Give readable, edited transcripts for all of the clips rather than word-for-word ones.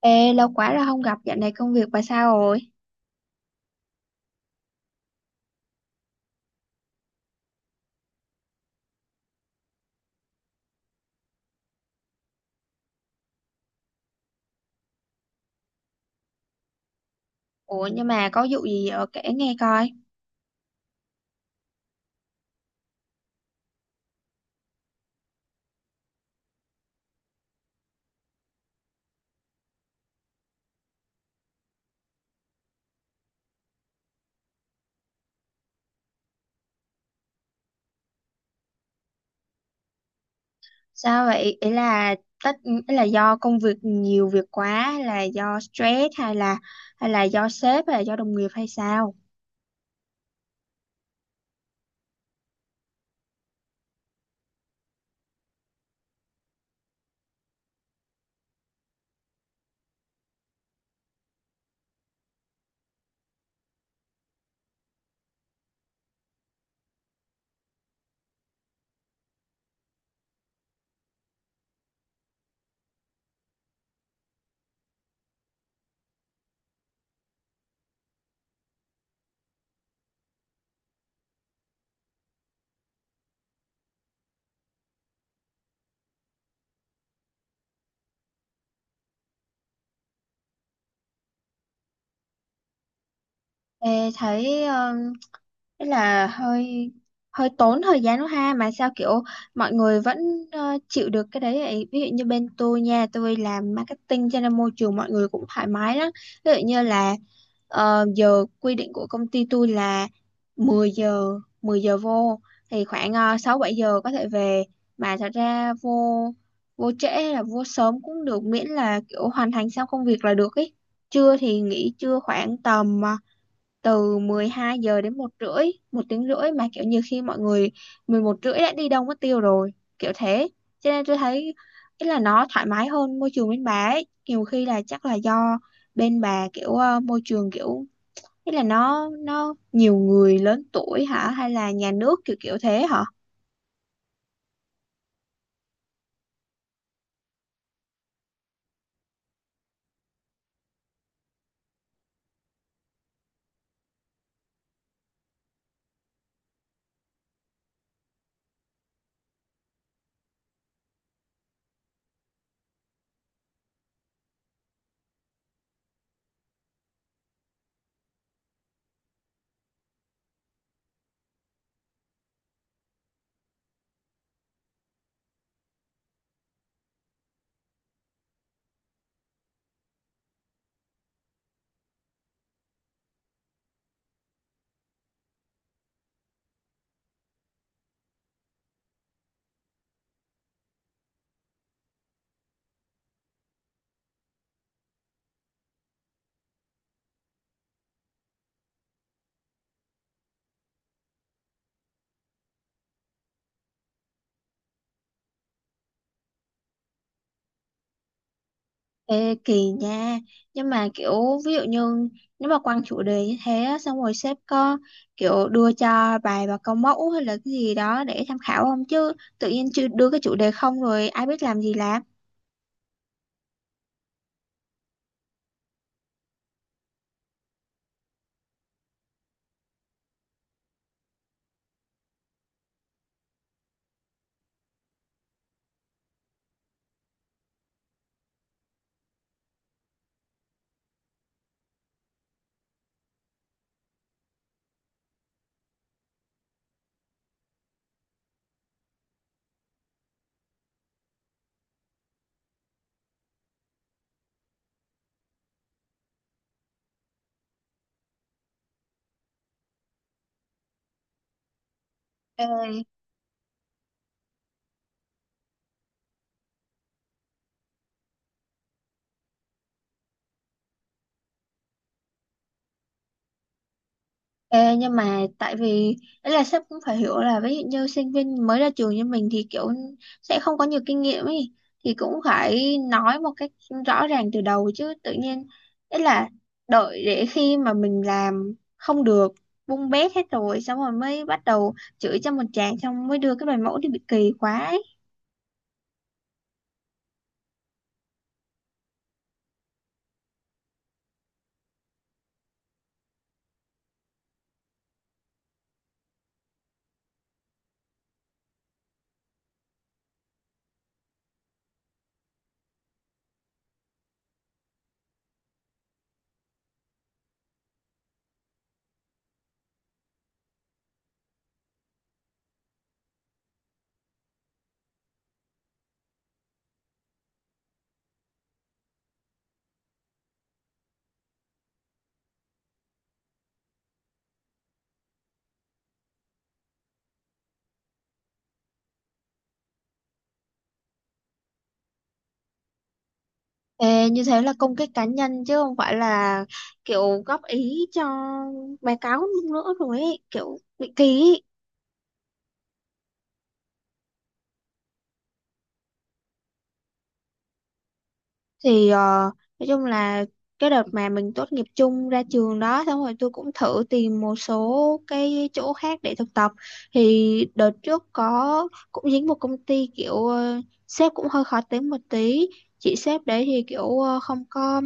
Ê, lâu quá rồi không gặp, dạo này công việc bà sao rồi? Ủa, nhưng mà có vụ gì ở kể nghe coi. Sao vậy? Ý là tất ý là do công việc nhiều việc quá, hay là do stress, hay là do sếp hay là do đồng nghiệp hay sao? Ê, thấy Thế là hơi hơi tốn thời gian đó ha, mà sao kiểu mọi người vẫn chịu được cái đấy vậy? Ví dụ như bên tôi nha, tôi làm marketing cho nên môi trường mọi người cũng thoải mái lắm. Ví dụ như là giờ quy định của công ty tôi là 10 giờ, 10 giờ vô, thì khoảng 6 7 giờ có thể về, mà thật ra vô vô trễ hay là vô sớm cũng được, miễn là kiểu hoàn thành xong công việc là được ý. Trưa thì nghỉ trưa khoảng tầm từ 12 giờ đến một rưỡi, một tiếng rưỡi, mà kiểu như khi mọi người 11 rưỡi đã đi đâu mất tiêu rồi, kiểu thế. Cho nên tôi thấy ý là nó thoải mái hơn môi trường bên bà ấy. Nhiều khi là chắc là do bên bà kiểu môi trường kiểu ý là nó nhiều người lớn tuổi hả, hay là nhà nước kiểu kiểu thế hả? Ê, kỳ nha, nhưng mà kiểu ví dụ như nếu mà quăng chủ đề như thế á, xong rồi sếp có kiểu đưa cho bài và câu mẫu hay là cái gì đó để tham khảo không, chứ tự nhiên chưa đưa cái chủ đề không rồi ai biết làm gì làm. Ê, Ê, Nhưng mà tại vì ấy là sếp cũng phải hiểu là ví dụ như sinh viên mới ra trường như mình thì kiểu sẽ không có nhiều kinh nghiệm ấy, thì cũng phải nói một cách rõ ràng từ đầu chứ, tự nhiên ấy là đợi để khi mà mình làm không được, bung bét hết rồi xong rồi mới bắt đầu chửi cho một tràng, xong mới đưa cái bài mẫu đi, bị kỳ quá ấy. Ê, như thế là công kích cá nhân chứ không phải là kiểu góp ý cho báo cáo nữa rồi ấy, kiểu bị kỳ ấy. Thì nói chung là cái đợt mà mình tốt nghiệp chung ra trường đó, xong rồi tôi cũng thử tìm một số cái chỗ khác để thực tập, thì đợt trước có cũng dính một công ty kiểu sếp cũng hơi khó tính một tí. Chị sếp đấy thì kiểu không có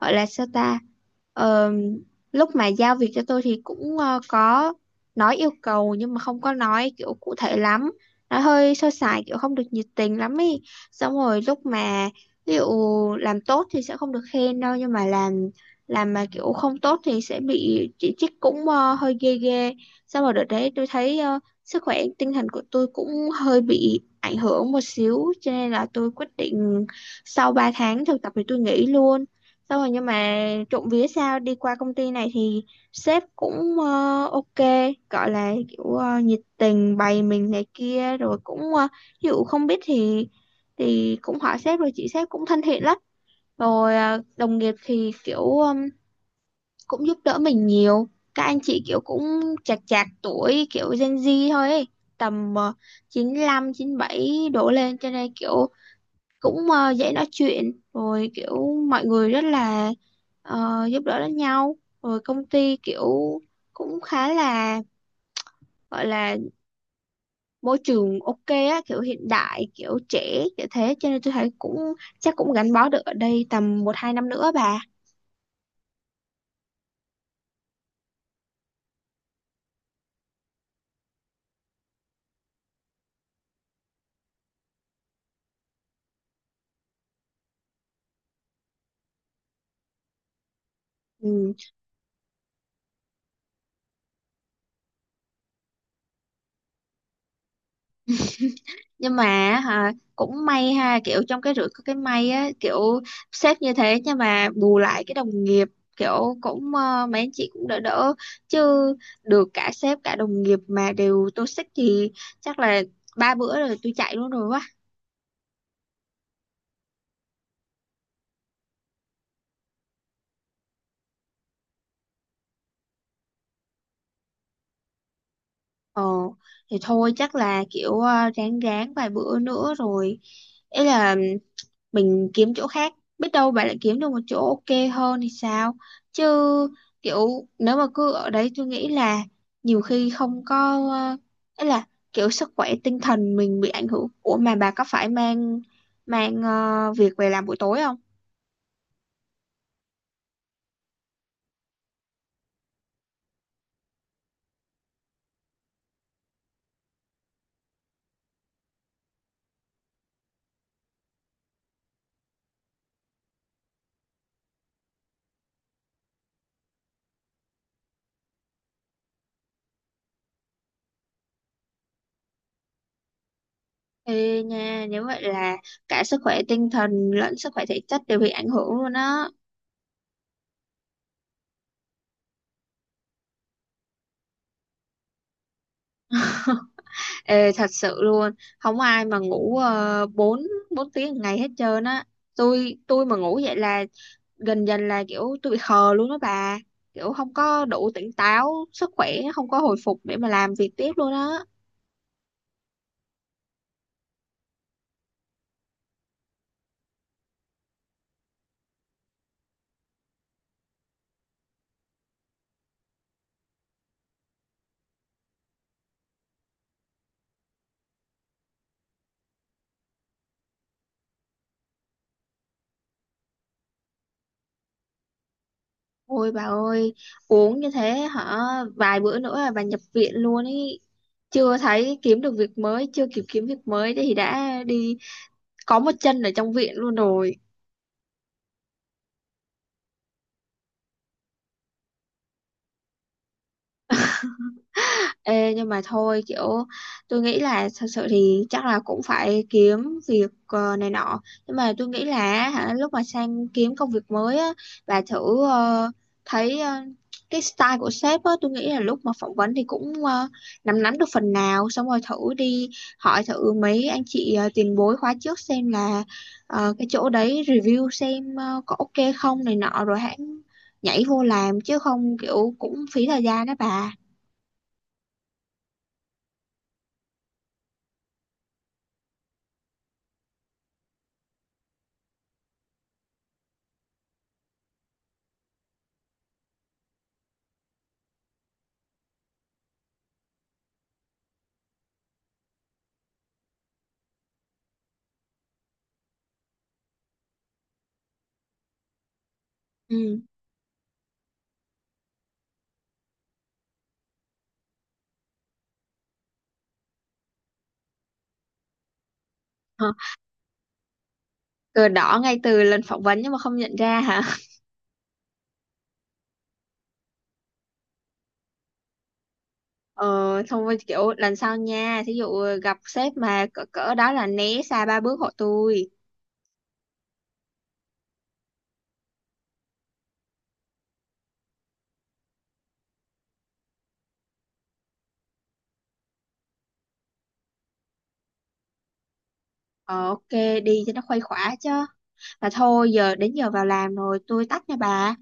gọi là sao ta. Ờ, lúc mà giao việc cho tôi thì cũng có nói yêu cầu nhưng mà không có nói kiểu cụ thể lắm, nói hơi sơ sài kiểu không được nhiệt tình lắm ý. Xong rồi lúc mà ví dụ làm tốt thì sẽ không được khen đâu, nhưng mà làm mà kiểu không tốt thì sẽ bị chỉ trích cũng hơi ghê ghê. Xong rồi đợt đấy tôi thấy sức khỏe tinh thần của tôi cũng hơi bị ảnh hưởng một xíu, cho nên là tôi quyết định sau 3 tháng thực tập thì tôi nghỉ luôn. Xong rồi nhưng mà trộm vía sao đi qua công ty này thì sếp cũng ok, gọi là kiểu nhiệt tình bày mình này kia, rồi cũng ví dụ không biết thì cũng hỏi sếp, rồi chị sếp cũng thân thiện lắm. Rồi đồng nghiệp thì kiểu cũng giúp đỡ mình nhiều. Các anh chị kiểu cũng chạc chạc tuổi kiểu Gen Z thôi ấy, tầm chín lăm, chín bảy đổ lên, cho nên kiểu cũng dễ nói chuyện, rồi kiểu mọi người rất là giúp đỡ lẫn nhau. Rồi công ty kiểu cũng khá là gọi là môi trường ok á, kiểu hiện đại kiểu trẻ kiểu thế, cho nên tôi thấy cũng chắc cũng gắn bó được ở đây tầm một hai năm nữa bà. Ừ. Nhưng mà hả, cũng may ha, kiểu trong cái rủi có cái may á, kiểu sếp như thế nhưng mà bù lại cái đồng nghiệp kiểu cũng mấy anh chị cũng đỡ đỡ, chứ được cả sếp cả đồng nghiệp mà đều toxic thì chắc là ba bữa rồi tôi chạy luôn rồi quá. Ờ thì thôi chắc là kiểu ráng ráng vài bữa nữa rồi ý là mình kiếm chỗ khác, biết đâu bạn lại kiếm được một chỗ ok hơn thì sao, chứ kiểu nếu mà cứ ở đấy tôi nghĩ là nhiều khi không có ờ, ấy là kiểu sức khỏe tinh thần mình bị ảnh hưởng. Ủa mà bà có phải mang mang việc về làm buổi tối không? Ê nha, nếu vậy là cả sức khỏe tinh thần lẫn sức khỏe thể chất đều bị ảnh hưởng luôn á. Ê, thật sự luôn, không ai mà ngủ uh, 4 4 tiếng một ngày hết trơn á. Tôi mà ngủ vậy là gần dần là kiểu tôi bị khờ luôn đó bà, kiểu không có đủ tỉnh táo, sức khỏe không có hồi phục để mà làm việc tiếp luôn á. Ôi bà ơi, uống như thế hả, vài bữa nữa là bà nhập viện luôn ý, chưa thấy kiếm được việc mới, chưa kịp kiếm việc mới thì đã đi có một chân ở trong viện luôn rồi. Ê, nhưng mà thôi kiểu tôi nghĩ là thật sự thì chắc là cũng phải kiếm việc này nọ, nhưng mà tôi nghĩ là hả, lúc mà sang kiếm công việc mới á, bà thử thấy ờ, cái style của sếp á, tôi nghĩ là lúc mà phỏng vấn thì cũng nắm nắm được phần nào, xong rồi thử đi hỏi thử mấy anh chị tiền bối khóa trước xem là cái chỗ đấy review xem có ok không này nọ rồi hãng nhảy vô làm, chứ không kiểu cũng phí thời gian đó bà. Ừ, cờ đỏ ngay từ lần phỏng vấn nhưng mà không nhận ra hả. Ờ, xong rồi kiểu lần sau nha, thí dụ gặp sếp mà cỡ cỡ đó là né xa ba bước hộ tôi. Ờ ok, đi cho nó khuây khỏa chứ. Mà thôi giờ đến giờ vào làm rồi, tôi tắt nha bà,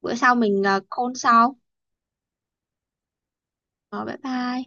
bữa sau mình call sau. Ờ bye bye.